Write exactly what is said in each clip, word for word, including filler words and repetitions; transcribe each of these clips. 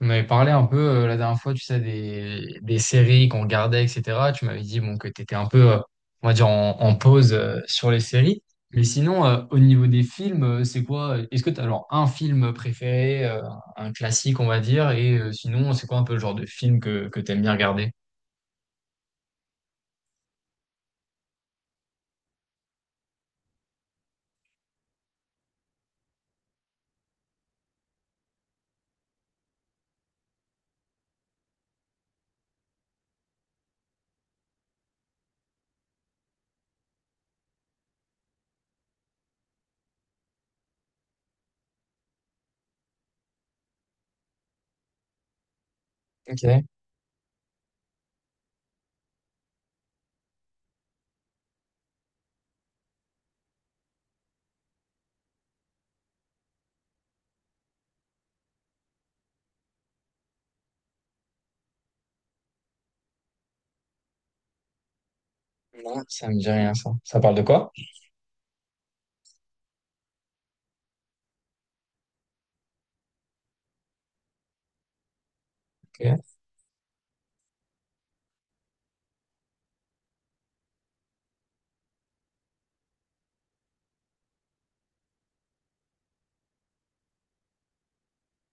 On avait parlé un peu euh, la dernière fois, tu sais, des, des séries qu'on regardait, et cetera. Tu m'avais dit bon, que tu étais un peu, euh, on va dire, en, en pause euh, sur les séries. Mais sinon, euh, au niveau des films, euh, c'est quoi? euh, Est-ce que tu as alors un film préféré, euh, un classique, on va dire, et euh, sinon, c'est quoi un peu le genre de film que, que tu aimes bien regarder? Ok, non, ça me dit rien, ça. Ça parle de quoi? Ok,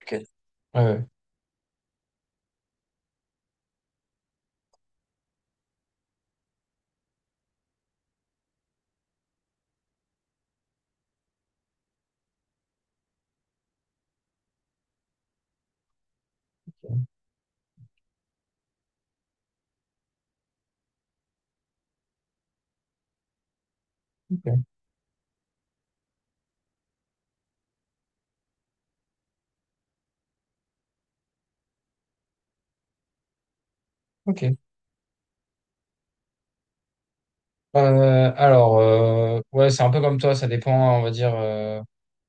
ok. Ouais, ouais. Ok, ok. Euh, alors, euh, ouais, c'est un peu comme toi, ça dépend, on va dire. euh,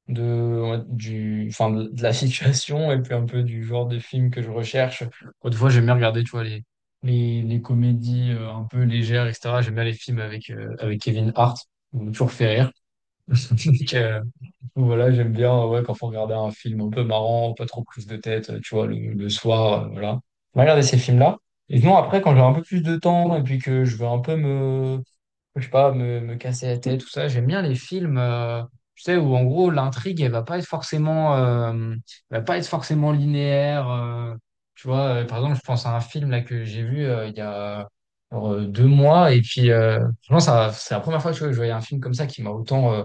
de, ouais, du, enfin, de de la situation et puis un peu du genre de film que je recherche. Autrefois, j'aime bien regarder, tu vois, les, les, les comédies euh, un peu légères, et cetera. J'aime bien les films avec, euh, avec Kevin Hart. Il m'a toujours fait rire. Donc, euh, voilà, j'aime bien euh, ouais, quand faut regarder un film un peu marrant, pas trop prise de tête, euh, tu vois, le, le soir, euh, voilà. On va regarder ces films-là. Et sinon, après, quand j'ai un peu plus de temps et puis que je veux un peu me, je sais pas, me, me casser la tête, tout ça. J'aime bien les films, euh, tu sais, où en gros l'intrigue, elle va pas être forcément, euh, elle va pas être forcément linéaire. euh, tu vois, euh, par exemple, je pense à un film là que j'ai vu euh, il y a genre, euh, deux mois, et puis euh, franchement, ça, c'est la première fois tu vois, que je voyais un film comme ça qui m'a autant euh,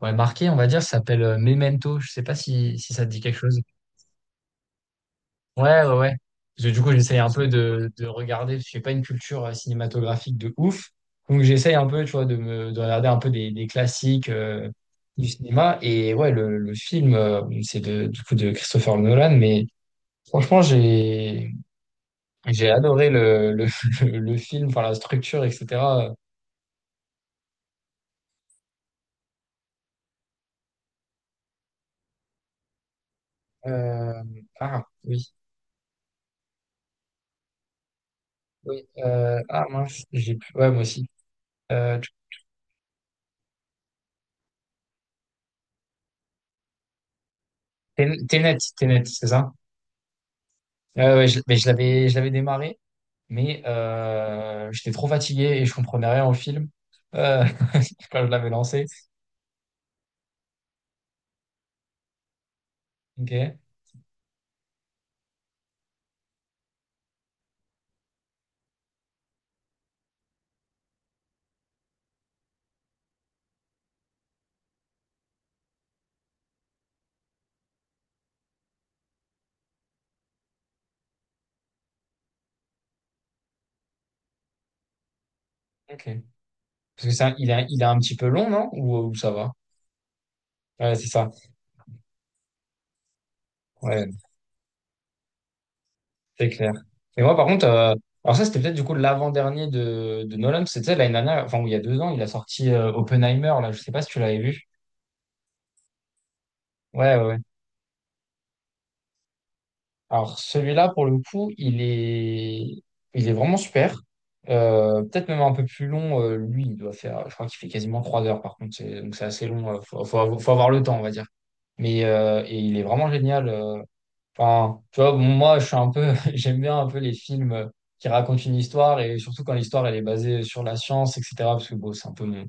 ouais, marqué, on va dire. Ça s'appelle euh, Memento. Je sais pas si, si ça te dit quelque chose. Ouais, ouais, ouais. Parce que du coup, j'essaye un peu de, de regarder, parce que j'ai pas une culture euh, cinématographique de ouf. Donc, j'essaye un peu, tu vois, de me, de regarder un peu des, des classiques euh, du cinéma. Et ouais, le, le film, euh, c'est de, du coup de Christopher Nolan. Mais franchement, j'ai, j'ai adoré le, le, le, le film, enfin, la structure, et cetera. Euh, ah, oui. Oui. Euh, ah, mince, j'ai plus. Ouais, moi aussi. Euh, Tenet, Tenet, Tenet, c'est ça? Euh, ouais, je- mais je l'avais, je l'avais démarré mais euh, j'étais trop fatigué et je comprenais rien au film euh, quand je l'avais lancé. Ok, ok. Parce que ça, il est, il est un petit peu long, non? Ou, ou ça va? Ouais, c'est ça. Ouais, c'est clair. Et moi, par contre, euh, alors ça, c'était peut-être du coup l'avant-dernier de, de Nolan. C'était l'année dernière, enfin, il y a deux ans, il a sorti euh, Oppenheimer, là. Je sais pas si tu l'avais vu. Ouais, ouais, ouais. Alors celui-là, pour le coup, il est, il est vraiment super. Euh, peut-être même un peu plus long. euh, lui, il doit faire, je crois qu'il fait quasiment trois heures par contre. C'est- Donc c'est assez long. euh, faut, faut avoir faut avoir le temps, on va dire. Mais euh, et il est vraiment génial. euh. Enfin, tu vois, bon, moi, je suis un peu, j'aime bien un peu les films qui racontent une histoire et surtout quand l'histoire elle est basée sur la science, et cetera. Parce que bon, c'est un peu mon,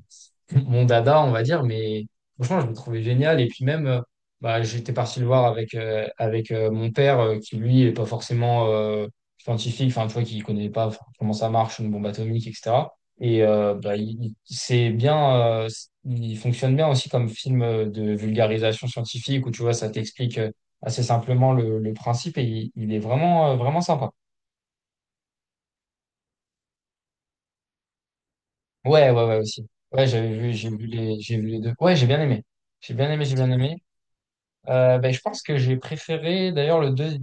mon dada, on va dire, mais franchement, je le trouvais génial. Et puis même, euh, bah, j'étais parti le voir avec, euh, avec euh, mon père, euh, qui lui est pas forcément euh, scientifique, enfin, tu vois, qui connaît pas enfin, comment ça marche, une bombe atomique, et cetera. Et euh, bah, il, il- c'est bien, euh, il fonctionne bien aussi comme film euh, de vulgarisation scientifique, où tu vois, ça t'explique euh, assez simplement le, le principe, et il, il est vraiment, euh, vraiment sympa. Ouais, ouais, ouais, aussi. Ouais, j'avais vu, j'ai vu les, j'ai vu les deux. Ouais, j'ai bien aimé. J'ai bien aimé, j'ai bien aimé. Euh, ben, je pense que j'ai préféré d'ailleurs le, deux-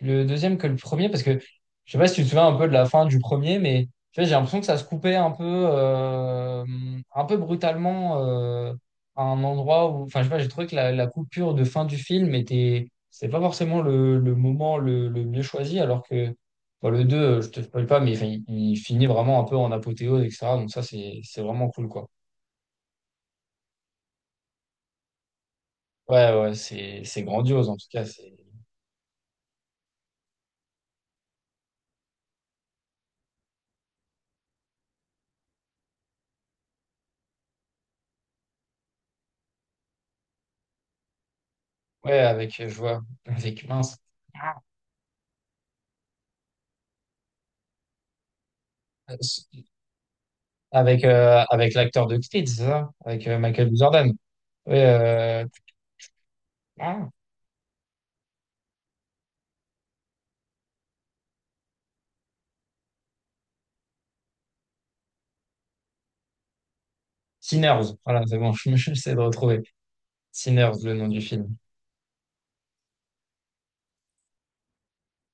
le deuxième que le premier parce que je sais pas si tu te souviens un peu de la fin du premier, mais tu vois, j'ai l'impression que ça se coupait un peu, euh, un peu brutalement euh, à un endroit où, enfin, je sais pas, j'ai trouvé que la, la coupure de fin du film était, c'est pas forcément le, le moment le, le mieux choisi, alors que bon, le deux, je te spoil pas, mais enfin, il, il finit vraiment un peu en apothéose, et cetera. Donc ça, c'est c'est vraiment cool, quoi. Ouais, ouais, c'est c'est grandiose en tout cas. Ouais, avec, euh, je vois, avec mince. Euh, s- Avec, euh, avec l'acteur de Creed, c'est ça? Avec euh, Michael B. Jordan. Ouais, euh, ah, Sinners. Voilà, c'est bon, je me- j'essaie de retrouver. Sinners, le nom du film.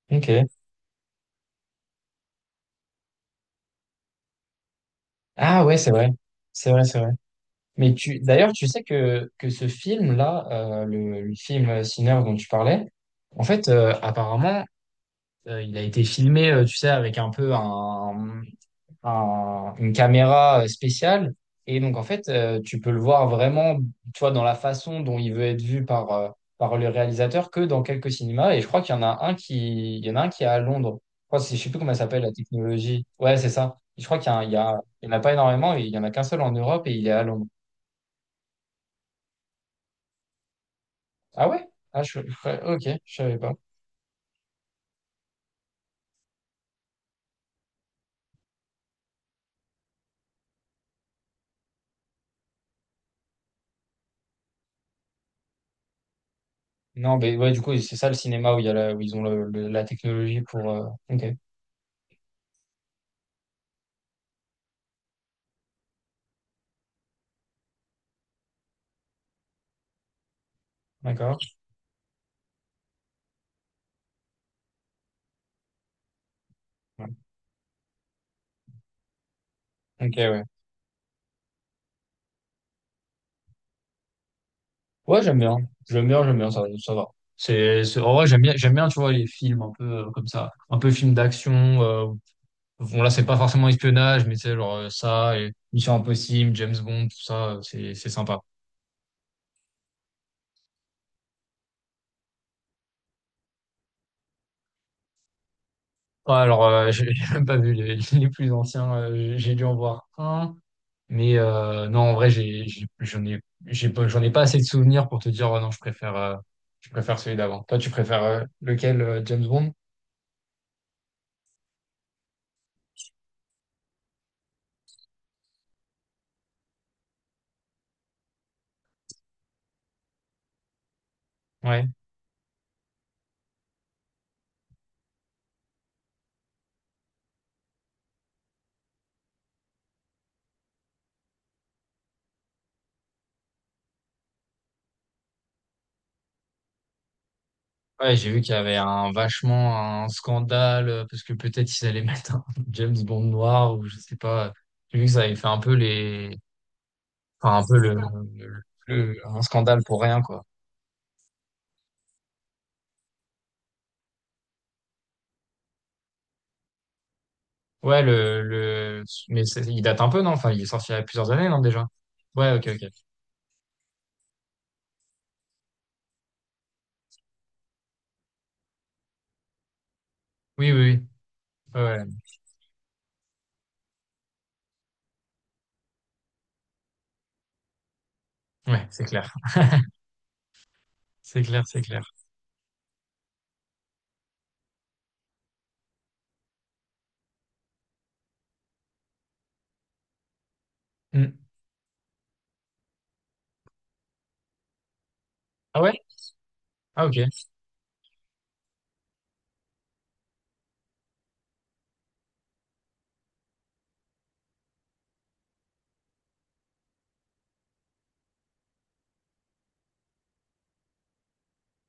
Ok. Ah ouais, c'est vrai. C'est vrai, c'est vrai. Mais tu, d'ailleurs, tu sais que, que ce film-là, euh, le, le film euh, Sinners dont tu parlais, en fait, euh, apparemment, euh, il a été filmé, euh, tu sais, avec un peu un, un- une caméra euh, spéciale. Et donc, en fait, euh, tu peux le voir vraiment, tu vois, dans la façon dont il veut être vu par, euh, par le réalisateur que dans quelques cinémas. Et je crois qu'il y en a un qui, il y en a un qui est à Londres. Je crois, que c'est- je sais plus comment ça s'appelle, la technologie. Ouais, c'est ça. Je crois qu'il y en a, un- il y a- il y en a pas énormément. Il y en a qu'un seul en Europe et il est à Londres. Ah ouais? Ah, je, je- ok, je savais pas. Non, mais ouais, du coup, c'est ça le cinéma où il y a la- où ils ont le- le- la technologie pour. euh, Ok, d'accord. Ouais. Ok, ouais. Ouais, j'aime bien. J'aime bien, j'aime bien, ça, ça va. C'est, c'est- en vrai, j'aime bien, j'aime bien, tu vois, les films un peu euh, comme ça. Un peu films d'action. euh, bon, là, c'est pas forcément espionnage, mais tu sais, genre euh, ça, et Mission Impossible, James Bond, tout ça, euh, c'est, c'est sympa. Ouais, alors, euh, j'ai j'ai même pas vu les, les plus anciens. euh, j'ai dû en voir un. Mais euh, non, en vrai, j'ai, j'ai- j'en ai, j'ai pas, j'en ai pas assez de souvenirs pour te dire, oh non, je préfère, euh, je préfère celui d'avant. Toi, tu préfères euh, lequel, euh, James Bond? Ouais. Ouais, j'ai vu qu'il y avait un vachement un scandale euh, parce que peut-être ils allaient mettre un James Bond noir ou je sais pas. J'ai vu que ça avait fait un peu les, enfin un peu le, le- le- un scandale pour rien quoi. Ouais, le le mais c'est- il date un peu non? Enfin, il est sorti il y a plusieurs années non déjà? Ouais, ok, ok. Oui, oui, oui. Ouais, ouais, Ouais, c'est clair. C'est clair, c'est clair. Hmm. Ah ouais? Ah ok.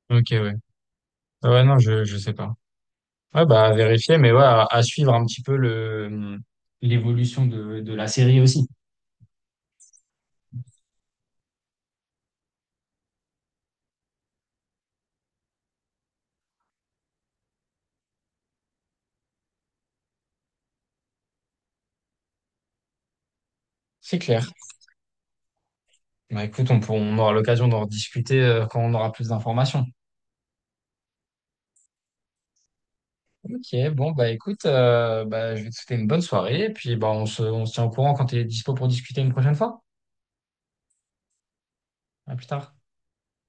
Ok, ouais. Ah ouais, non, je je sais pas. Ouais, bah à vérifier, mais ouais, à, à suivre un petit peu le l'évolution de de la série aussi. C'est clair. Bah écoute, on, pour- on aura l'occasion d'en rediscuter euh, quand on aura plus d'informations. Ok, bon, bah écoute, euh, bah, je vais te souhaiter une bonne soirée et puis bah, on se, on se tient au courant quand tu es dispo pour discuter une prochaine fois. À plus tard.